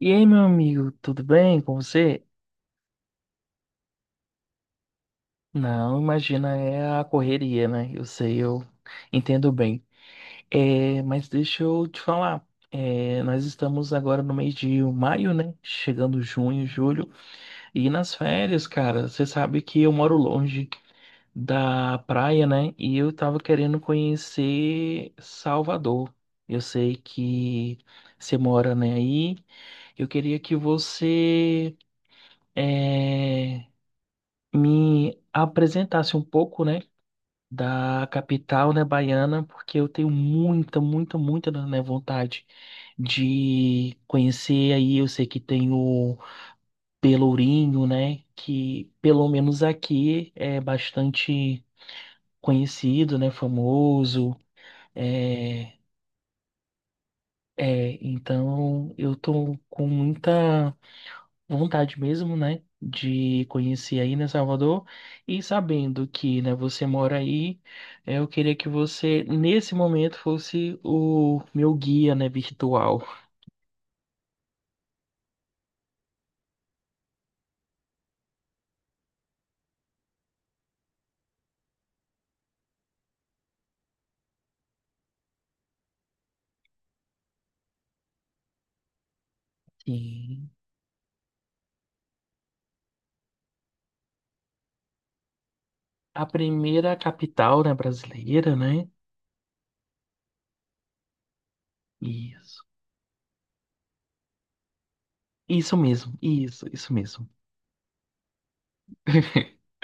E aí, meu amigo, tudo bem com você? Não, imagina, é a correria, né? Eu sei, eu entendo bem. É, mas deixa eu te falar. Nós estamos agora no mês de maio, né? Chegando junho, julho. E nas férias, cara, você sabe que eu moro longe da praia, né? E eu tava querendo conhecer Salvador. Eu sei que você mora, né, aí. Eu queria que você. é, me apresentasse um pouco, né, da capital, né, baiana, porque eu tenho muita, né, vontade de conhecer aí. Eu sei que tem o Pelourinho, né, que pelo menos aqui é bastante conhecido, né, famoso. É, é, então eu tô com muita vontade mesmo, né, de conhecer aí, né, Salvador, e sabendo que, né, você mora aí, eu queria que você, nesse momento, fosse o meu guia, né, virtual. Sim. A primeira capital, né, brasileira, né? Isso. Isso mesmo, isso mesmo.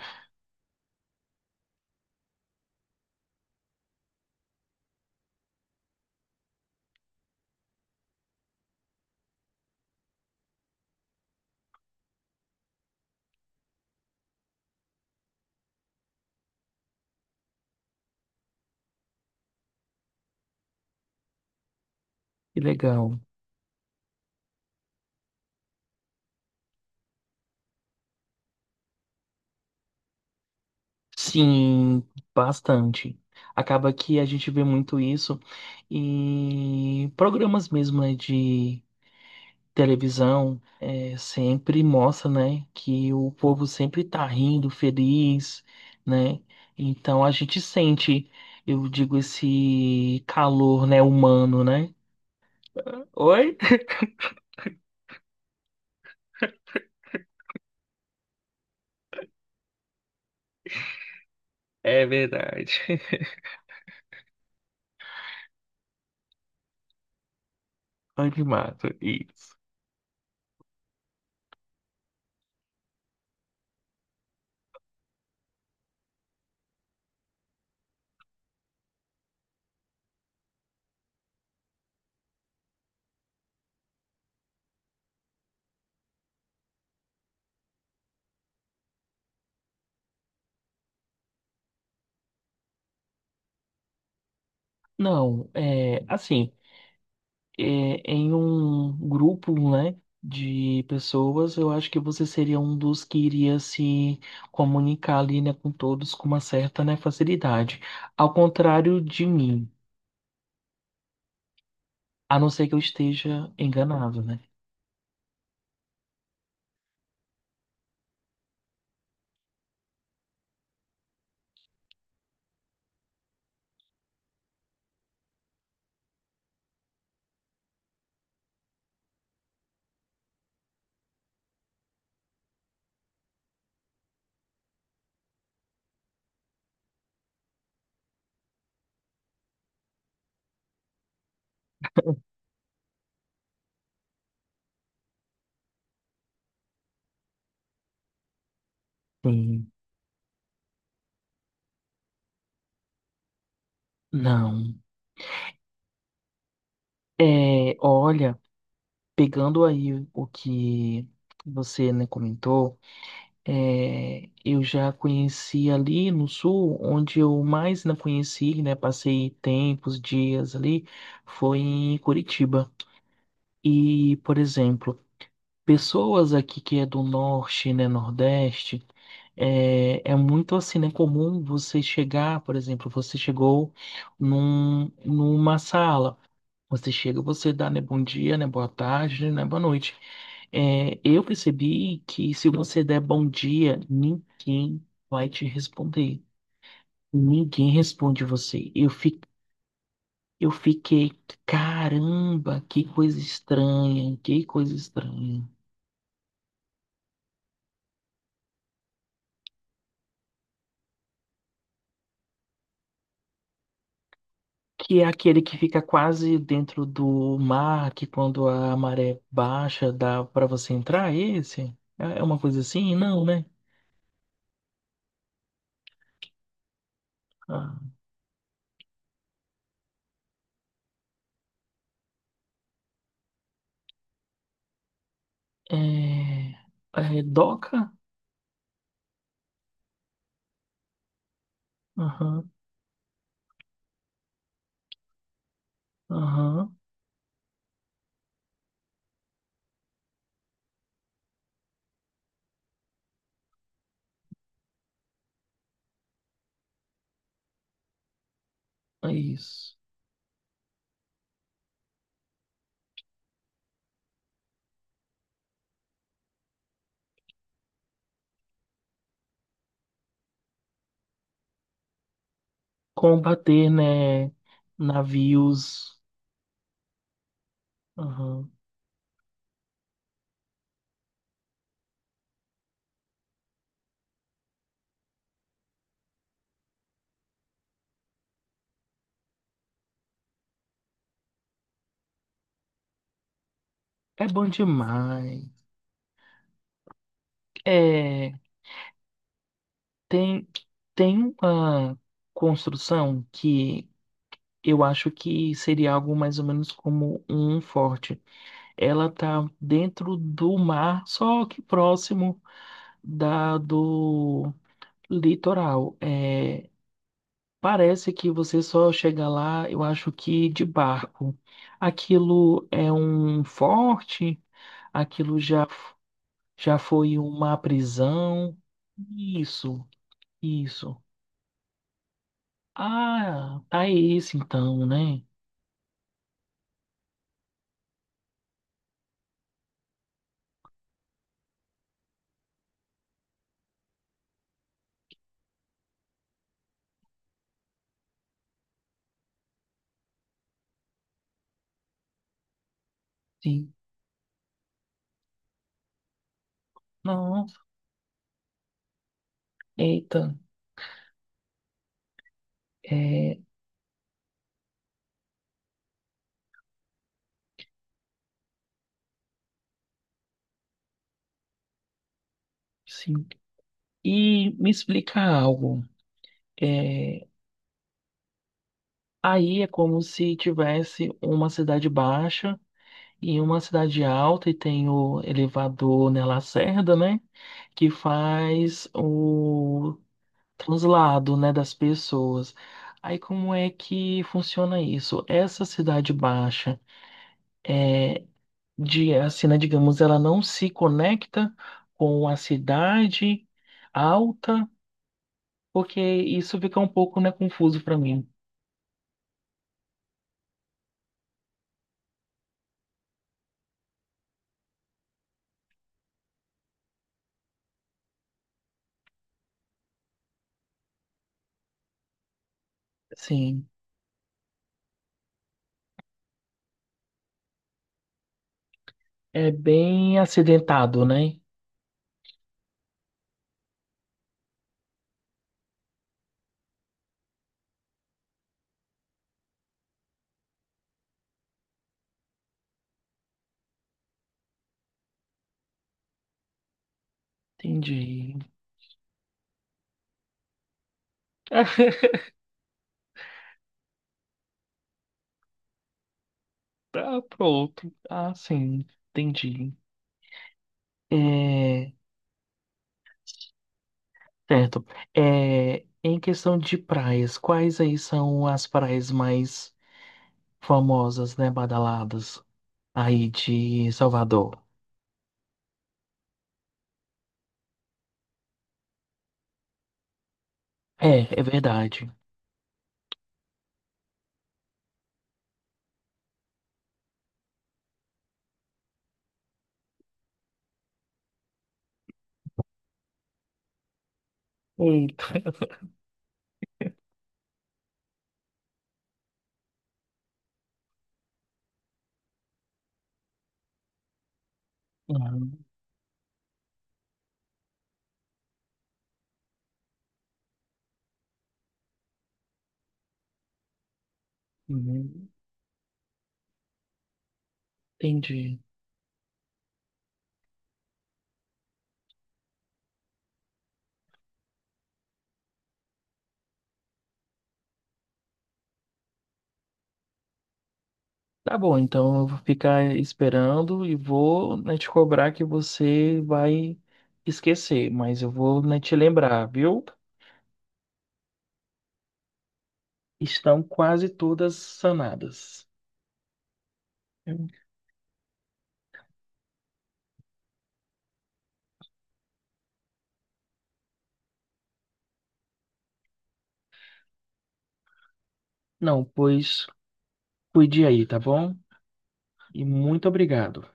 Que legal. Sim, bastante. Acaba que a gente vê muito isso em programas mesmo, né, de televisão é, sempre mostra, né, que o povo sempre tá rindo, feliz, né? Então a gente sente, eu digo, esse calor, né, humano, né? Oi? É verdade. Oi, de mato isso. Não, é assim. é, em um grupo, né, de pessoas, eu acho que você seria um dos que iria se comunicar ali, né, com todos com uma certa, né, facilidade. Ao contrário de mim, a não ser que eu esteja enganado, né? Sim. Não. É, olha, pegando aí o que você, né, comentou. É, eu já conheci ali no sul, onde eu mais não conheci, né? Passei tempos, dias ali, foi em Curitiba. E, por exemplo, pessoas aqui que é do norte, né, nordeste, é muito assim, né, comum você chegar, por exemplo, você chegou numa sala, você chega, você dá, né, bom dia, né, boa tarde, né, boa noite. É, eu percebi que se você der bom dia, ninguém vai te responder. Ninguém responde você. Eu fiquei, caramba, que coisa estranha, que coisa estranha. Que é aquele que fica quase dentro do mar, que quando a maré baixa dá para você entrar, é esse? É é uma coisa assim? Não, né? Ah, é, é doca? Aham, aham, é isso. Combater, né, navios. Aham. É bom demais. É, tem, tem uma construção que eu acho que seria algo mais ou menos como um forte. Ela tá dentro do mar, só que próximo da do litoral. É, parece que você só chega lá, eu acho que de barco. Aquilo é um forte, aquilo já, f- já foi uma prisão. Isso, isso. Ah, tá esse então, né? Sim. Não, eita, é, sim. E me explica algo. É, aí é como se tivesse uma cidade baixa e uma cidade alta e tem o elevador na Lacerda, né? Que faz o translado, né, das pessoas. Aí como é que funciona isso? Essa cidade baixa, de, assim, né, digamos, ela não se conecta com a cidade alta, porque isso fica um pouco, né, confuso para mim. Sim, é bem acidentado, né? Entendi. Ah, pronto. Ah, sim. Entendi. É, certo. É, em questão de praias, quais aí são as praias mais famosas, né, badaladas aí de Salvador? É, é verdade. Eita. Uhum, uhum, entendi. Tá bom, então eu vou ficar esperando e vou, né, te cobrar que você vai esquecer, mas eu vou, né, te lembrar, viu? Estão quase todas sanadas. Eu- Não, pois cuide aí, tá bom? E muito obrigado.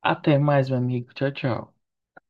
Até mais, meu amigo. Tchau, tchau.